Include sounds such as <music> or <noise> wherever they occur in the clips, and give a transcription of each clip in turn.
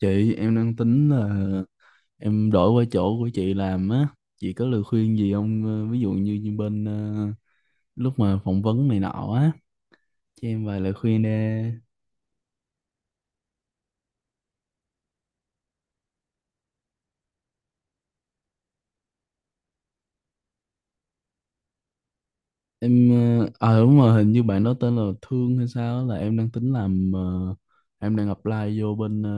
Chị em đang tính là em đổi qua chỗ của chị làm á, chị có lời khuyên gì không? Ờ, Ví dụ như bên lúc mà phỏng vấn này nọ á, cho em vài lời khuyên đi. Em à đúng rồi, hình như bạn đó tên là Thương hay sao á, là em đang tính làm em đang apply vô bên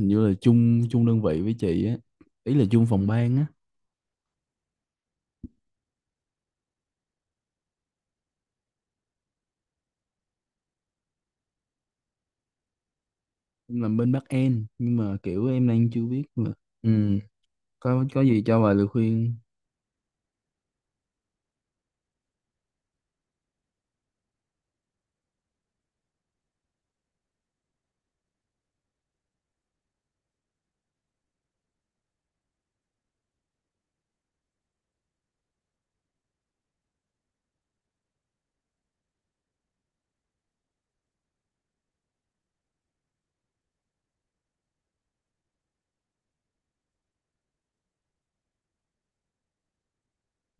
hình như là chung chung đơn vị với chị á, ý là chung phòng ban á, em làm bên back end nhưng mà kiểu em đang chưa biết mà. Ừ, có gì cho vài lời khuyên.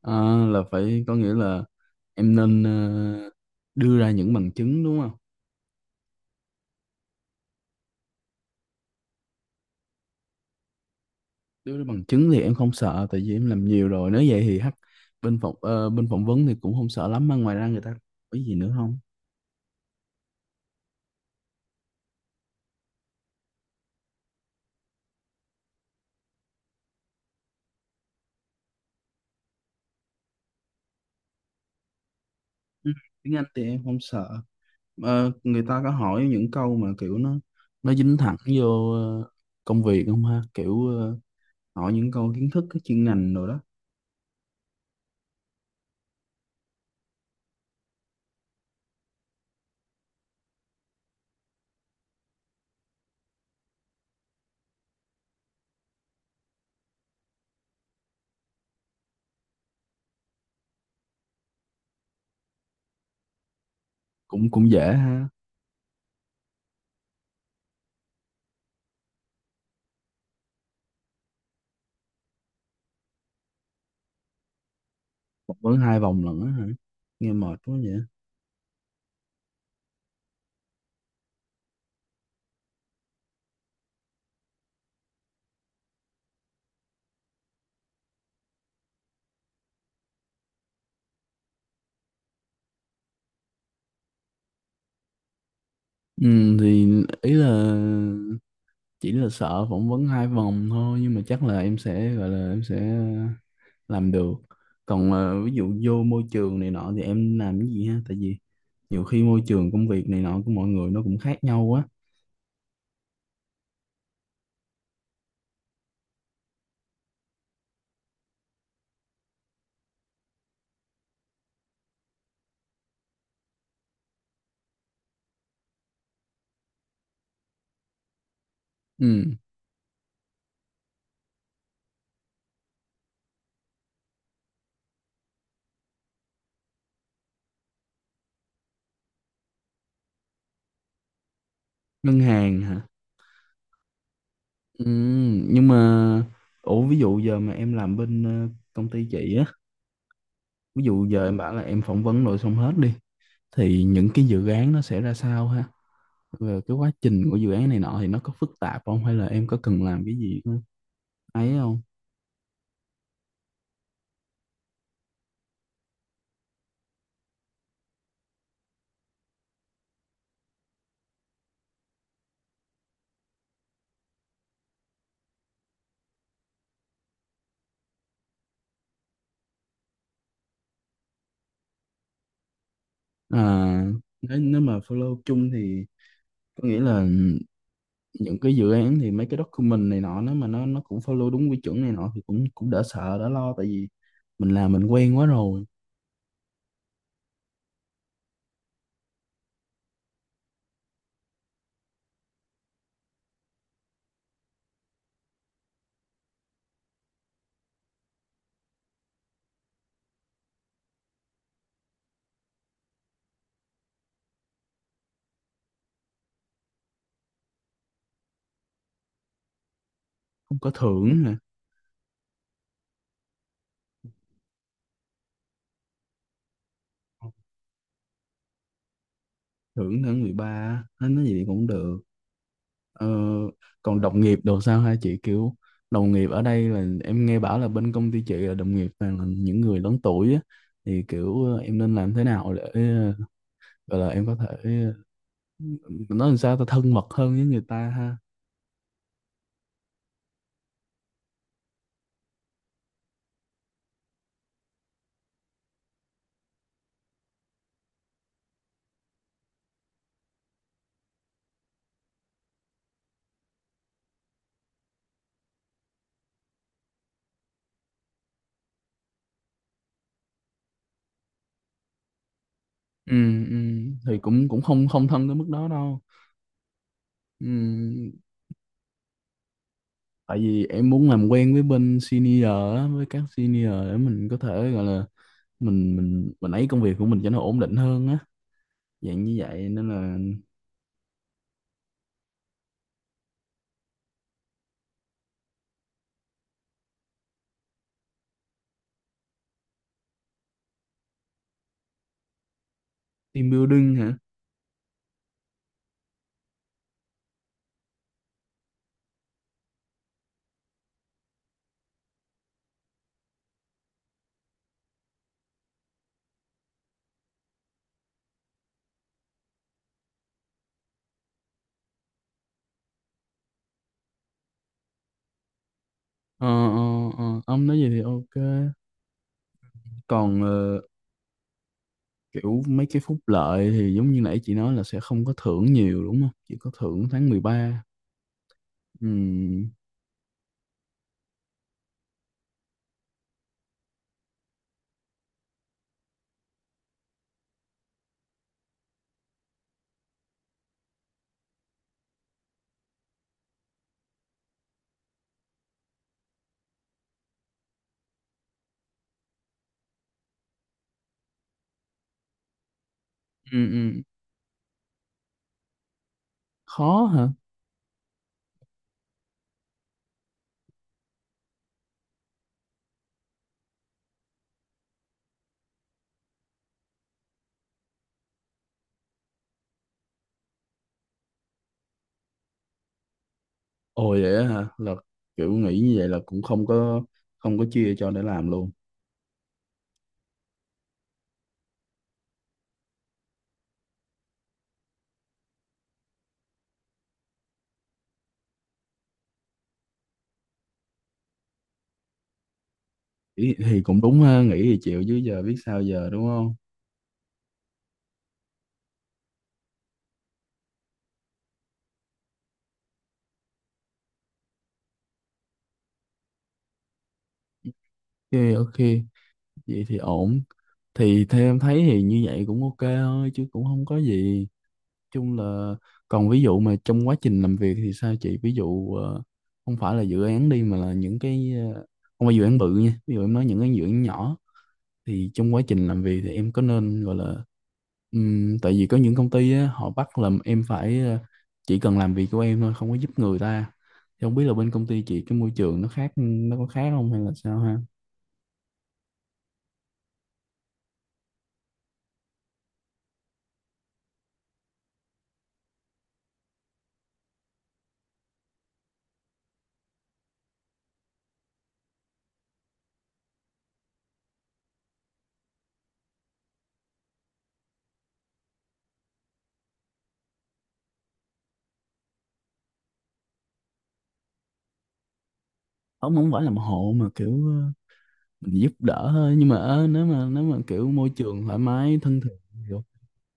À, là phải có nghĩa là em nên đưa ra những bằng chứng đúng không? Đưa ra bằng chứng thì em không sợ tại vì em làm nhiều rồi. Nếu vậy thì hắc bên phỏng vấn thì cũng không sợ lắm mà ngoài ra người ta hỏi gì nữa không? Ừ, tiếng Anh thì em không sợ. Người ta có hỏi những câu mà kiểu nó dính thẳng vô công việc không ha? Kiểu hỏi những câu kiến thức cái chuyên ngành rồi đó. Cũng cũng dễ ha. Phỏng vấn hai vòng lận á hả? Nghe mệt quá vậy. Ừ, thì ý là chỉ là sợ phỏng vấn hai vòng thôi nhưng mà chắc là em sẽ gọi là em sẽ làm được, còn ví dụ vô môi trường này nọ thì em làm cái gì ha, tại vì nhiều khi môi trường công việc này nọ của mọi người nó cũng khác nhau quá. Ừ. Ngân hàng hả? Ừ. Nhưng mà ủa ví dụ giờ mà em làm bên công ty chị á, ví dụ giờ em bảo là em phỏng vấn rồi xong hết đi thì những cái dự án nó sẽ ra sao ha, về cái quá trình của dự án này nọ thì nó có phức tạp không hay là em có cần làm cái gì ấy không? À, nếu mà follow chung thì có nghĩa là những cái dự án thì mấy cái document này nọ nếu mà nó cũng follow đúng quy chuẩn này nọ thì cũng cũng đỡ sợ đỡ lo tại vì mình làm mình quen quá rồi. Không có thưởng nè. Thưởng tháng 13 nói gì thì cũng được. Ờ, còn đồng nghiệp đồ sao hả chị, kiểu đồng nghiệp ở đây là em nghe bảo là bên công ty chị là đồng nghiệp toàn là những người lớn tuổi á, thì kiểu em nên làm thế nào để gọi là em có thể ờ, nói làm sao ta thân mật hơn với người ta ha? Ừ, ừ, thì cũng cũng không không thân tới mức đó đâu. Ừ, tại vì em muốn làm quen với bên senior á, với các senior để mình có thể gọi là mình ấy công việc của mình cho nó ổn định hơn á, dạng như vậy nên là team building hả? Ờ, ờ, ờ, ông nói gì thì ok. Còn kiểu mấy cái phúc lợi thì giống như nãy chị nói là sẽ không có thưởng nhiều đúng không, chỉ có thưởng tháng 13. Ừ, ừ, ừ. Khó hả? Ồ vậy á hả? Là kiểu nghĩ như vậy là cũng không có chia cho để làm luôn. Ý, thì cũng đúng ha, nghĩ thì chịu chứ giờ biết sao giờ đúng không? Ok ok, vậy thì ổn. Thì theo em thấy thì như vậy cũng ok thôi chứ cũng không có gì. Chung là còn ví dụ mà trong quá trình làm việc thì sao chị? Ví dụ không phải là dự án đi mà là những cái không phải dự án bự nha. Ví dụ em nói những cái dự án nhỏ thì trong quá trình làm việc thì em có nên gọi là tại vì có những công ty á, họ bắt làm em phải chỉ cần làm việc của em thôi không có giúp người ta thì không biết là bên công ty chị cái môi trường nó khác nó có khác không hay là sao ha? Không, không phải làm hộ mà kiểu mình giúp đỡ thôi nhưng mà nếu mà kiểu môi trường thoải mái thân thiện thì ok.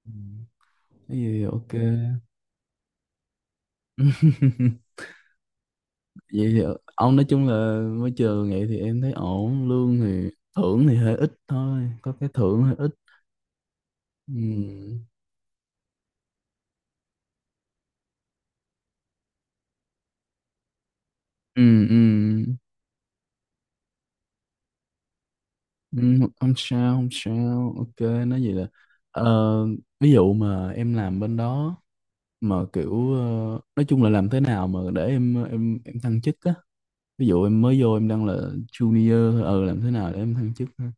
Ừm, cái gì thì ok. <laughs> Vậy thì ông nói chung là môi trường vậy thì em thấy ổn, lương thì thưởng thì hơi ít thôi, có cái thưởng hơi ít. Ừ ừ ừ. Ừ, không sao không sao, ok, nói vậy là ờ, ví dụ mà em làm bên đó mà kiểu nói chung là làm thế nào mà để em thăng chức á, ví dụ em mới vô em đang là junior thôi, làm thế nào để em thăng chức ha?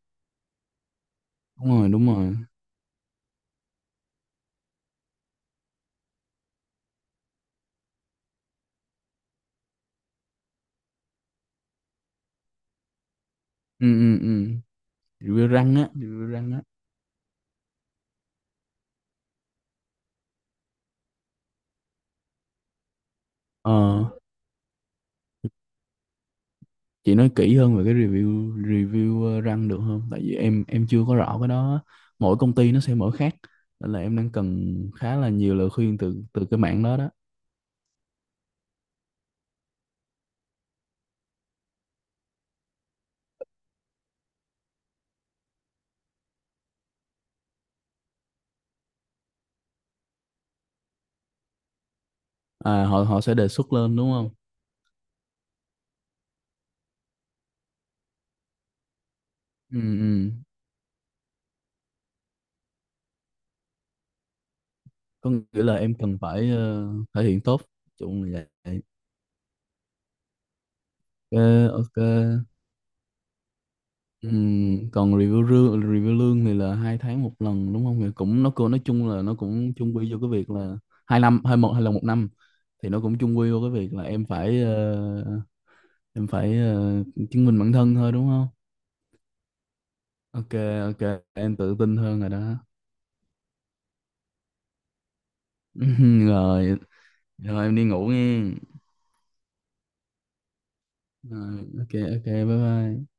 Đúng rồi đúng rồi. Ừ ừ ừ. Review răng á? Review răng á? Ờ chị nói kỹ hơn về cái review review răng được không, tại vì em chưa có rõ cái đó á. Mỗi công ty nó sẽ mở khác nên là em đang cần khá là nhiều lời khuyên từ từ cái mảng đó đó. À, họ họ sẽ đề xuất lên đúng không? Ừ, ừ. Có nghĩa là em cần phải thể hiện tốt, chung là vậy. Ok ok. Ừ. Còn review lương thì là hai tháng một lần đúng không, thì cũng nó cũng nói chung là nó cũng chung quy vô cái việc là hai năm hai một hay là một năm, thì nó cũng chung quy vô cái việc là em phải chứng minh bản thân thôi đúng không? Ok ok, em tự tin hơn rồi đó. <laughs> Rồi rồi em đi ngủ nghe, rồi ok ok bye bye.